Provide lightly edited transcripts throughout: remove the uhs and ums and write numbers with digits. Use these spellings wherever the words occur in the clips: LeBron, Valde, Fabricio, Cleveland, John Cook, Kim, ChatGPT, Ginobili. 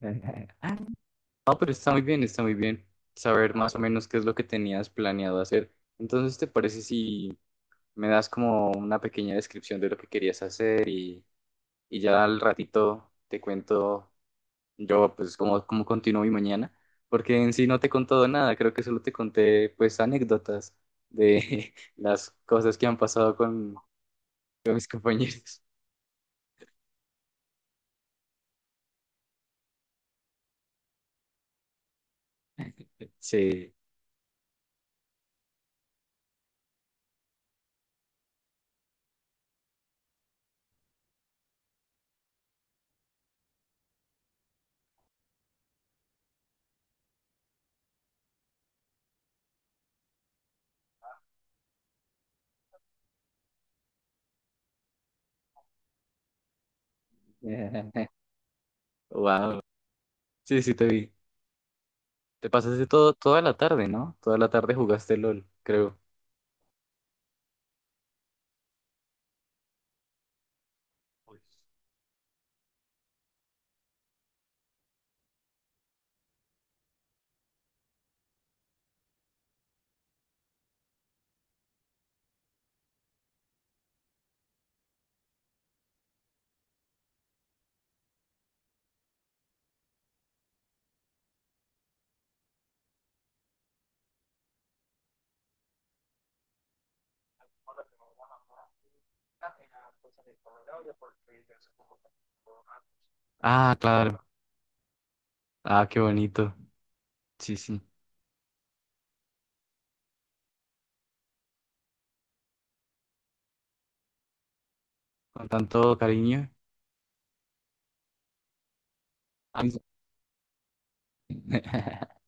No, pero está muy bien saber más o menos qué es lo que tenías planeado hacer. Entonces, ¿te parece si me das como una pequeña descripción de lo que querías hacer y, ya al ratito te cuento yo pues cómo continúo mi mañana? Porque en sí no te he contado nada, creo que solo te conté pues anécdotas de las cosas que han pasado con mis compañeros. Sí. Wow. Sí, sí, te vi. Te pasaste toda la tarde, ¿no? Toda la tarde jugaste LOL, creo. Ah, claro. Ah, qué bonito. Sí, sí. Con tanto cariño. Ah,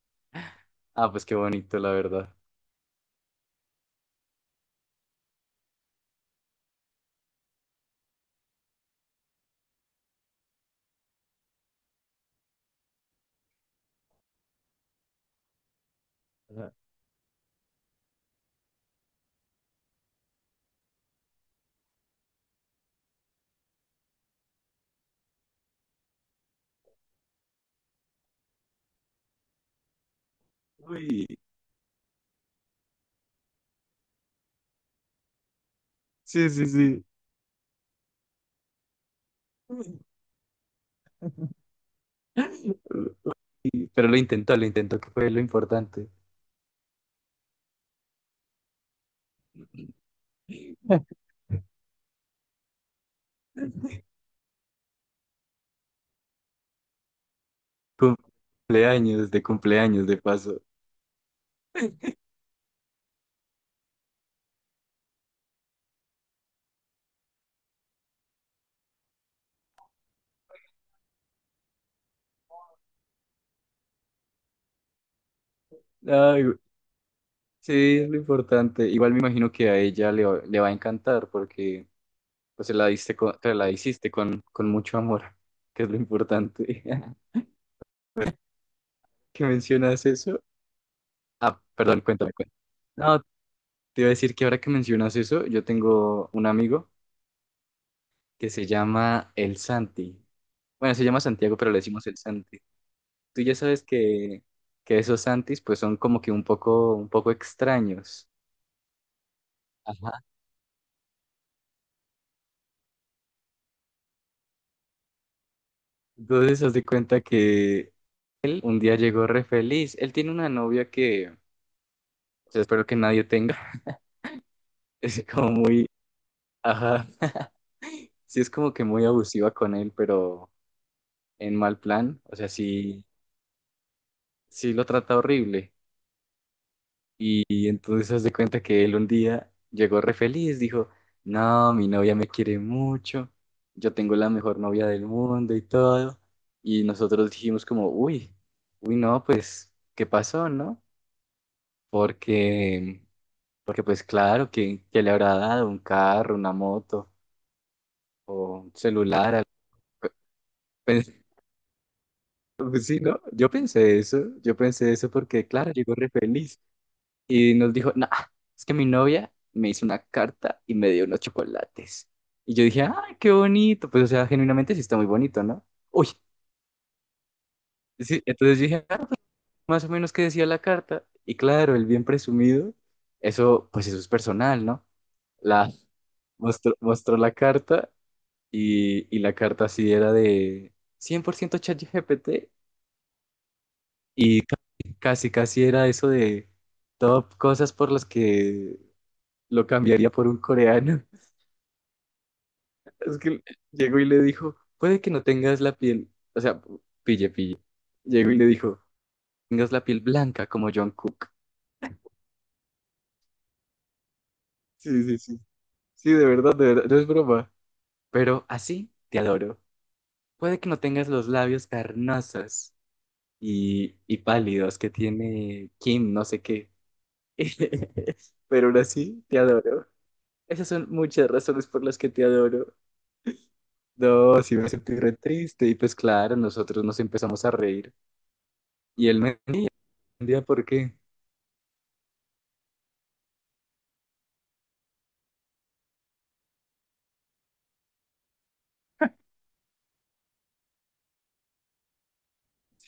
Ah, pues qué bonito, la verdad. Uy, uy, pero lo intentó, que fue lo importante. Cumpleaños, de paso. Ay, güey, sí, es lo importante. Igual me imagino que a ella le va a encantar porque pues, se la hiciste con mucho amor, que es lo importante. ¿Que mencionas eso? Ah, perdón, cuéntame, cuéntame. No, te iba a decir que ahora que mencionas eso, yo tengo un amigo que se llama El Santi. Bueno, se llama Santiago, pero le decimos El Santi. Tú ya sabes que esos Santis pues son como que un poco extraños. Ajá. Entonces, haz de cuenta que él un día llegó re feliz. Él tiene una novia que espero que nadie tenga. Es como muy, ajá. Sí, es como que muy abusiva con él, pero en mal plan. O sea, sí, sí lo trata horrible. Y, entonces haz de cuenta que él un día llegó re feliz, dijo, no, mi novia me quiere mucho, yo tengo la mejor novia del mundo y todo. Y nosotros dijimos como, uy, uy, no, pues, ¿qué pasó, no? Porque, porque pues claro, que le habrá dado un carro, una moto o un celular, algo. Pens- Pues, sí, ¿no? Yo pensé eso porque, claro, llegó re feliz. Y nos dijo, nah, es que mi novia me hizo una carta y me dio unos chocolates. Y yo dije, ah, qué bonito. Pues, o sea, genuinamente sí está muy bonito, ¿no? Uy, sí. Entonces yo dije, ah, más o menos qué decía la carta. Y claro, el bien presumido, eso, pues eso es personal, ¿no? La Mostró, mostró la carta y la carta sí era de 100% ChatGPT y casi, casi era eso de top cosas por las que lo cambiaría por un coreano. Es que llegó y le dijo, puede que no tengas la piel, o sea, pille, pille. Llegó y le dijo, tengas la piel blanca como John Cook. Sí, sí, sí. Sí, de verdad, no es broma. Pero así te adoro. Puede que no tengas los labios carnosos y pálidos que tiene Kim, no sé qué. Pero aún así, te adoro. Esas son muchas razones por las que te adoro. Oh, sí, me sentí re triste. Y pues claro, nosotros nos empezamos a reír. Y él me entendía por qué.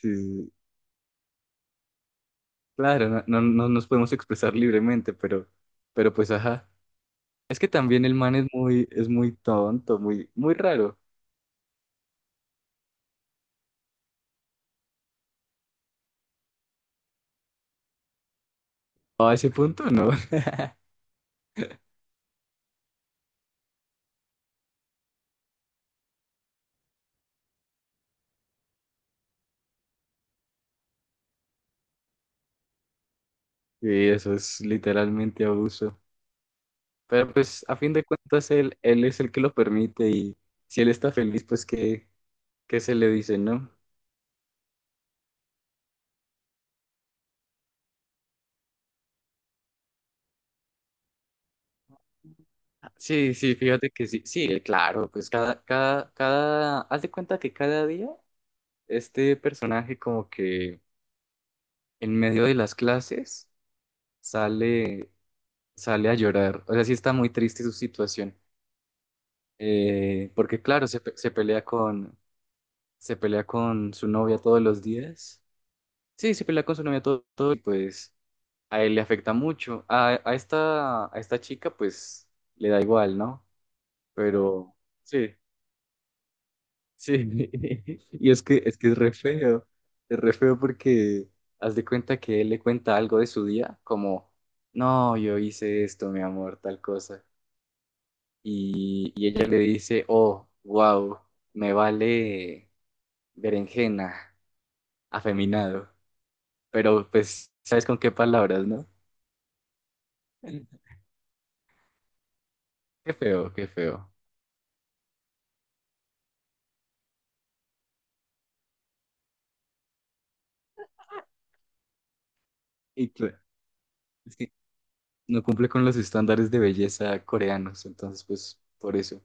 Sí, claro, no, no, no nos podemos expresar libremente, pero pues ajá. Es que también el man es muy tonto, muy, muy raro. A ese punto no. Y eso es literalmente abuso. Pero pues a fin de cuentas él, él es el que lo permite y si él está feliz, pues qué, qué se le dice, ¿no? Sí, sí, fíjate que sí, sí, claro, pues cada, haz de cuenta que cada día este personaje como que en medio de las clases sale sale a llorar. O sea, sí está muy triste su situación. Porque claro, se pelea se pelea con su novia todos los días. Sí, se pelea con su novia todo y pues a él le afecta mucho. A esta chica pues le da igual, ¿no? Pero sí, sí. Y es que, es que es re feo. Es re feo porque haz de cuenta que él le cuenta algo de su día, como, no, yo hice esto, mi amor, tal cosa. Y, y ella le dice, oh, wow, me vale berenjena, afeminado, pero pues, ¿sabes con qué palabras, no? Qué feo, qué feo. Y cl- es que no cumple con los estándares de belleza coreanos, entonces pues por eso.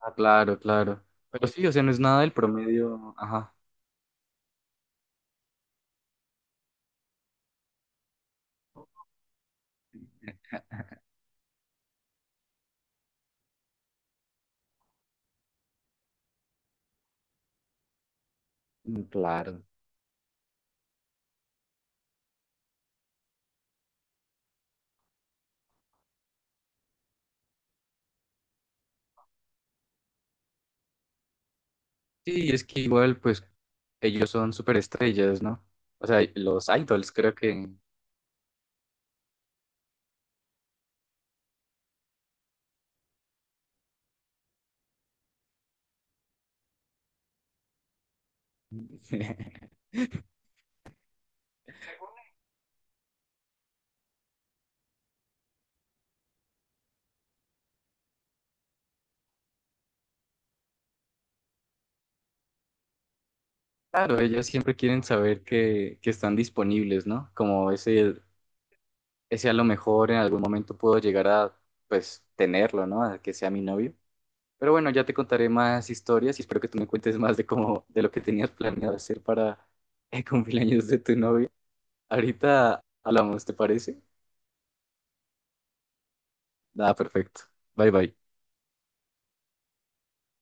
Ah, claro, claro. Pero sí, o sea, no es nada del promedio, ajá. Mm, claro. Sí, es que igual pues ellos son superestrellas, ¿no? O sea, los idols creo que. Claro, ellos siempre quieren saber que están disponibles, ¿no? Como ese a lo mejor en algún momento puedo llegar a, pues, tenerlo, ¿no? A que sea mi novio. Pero bueno, ya te contaré más historias y espero que tú me cuentes más de cómo, de lo que tenías planeado hacer para el cumpleaños de tu novio. Ahorita hablamos, ¿te parece? Nada, perfecto. Bye bye.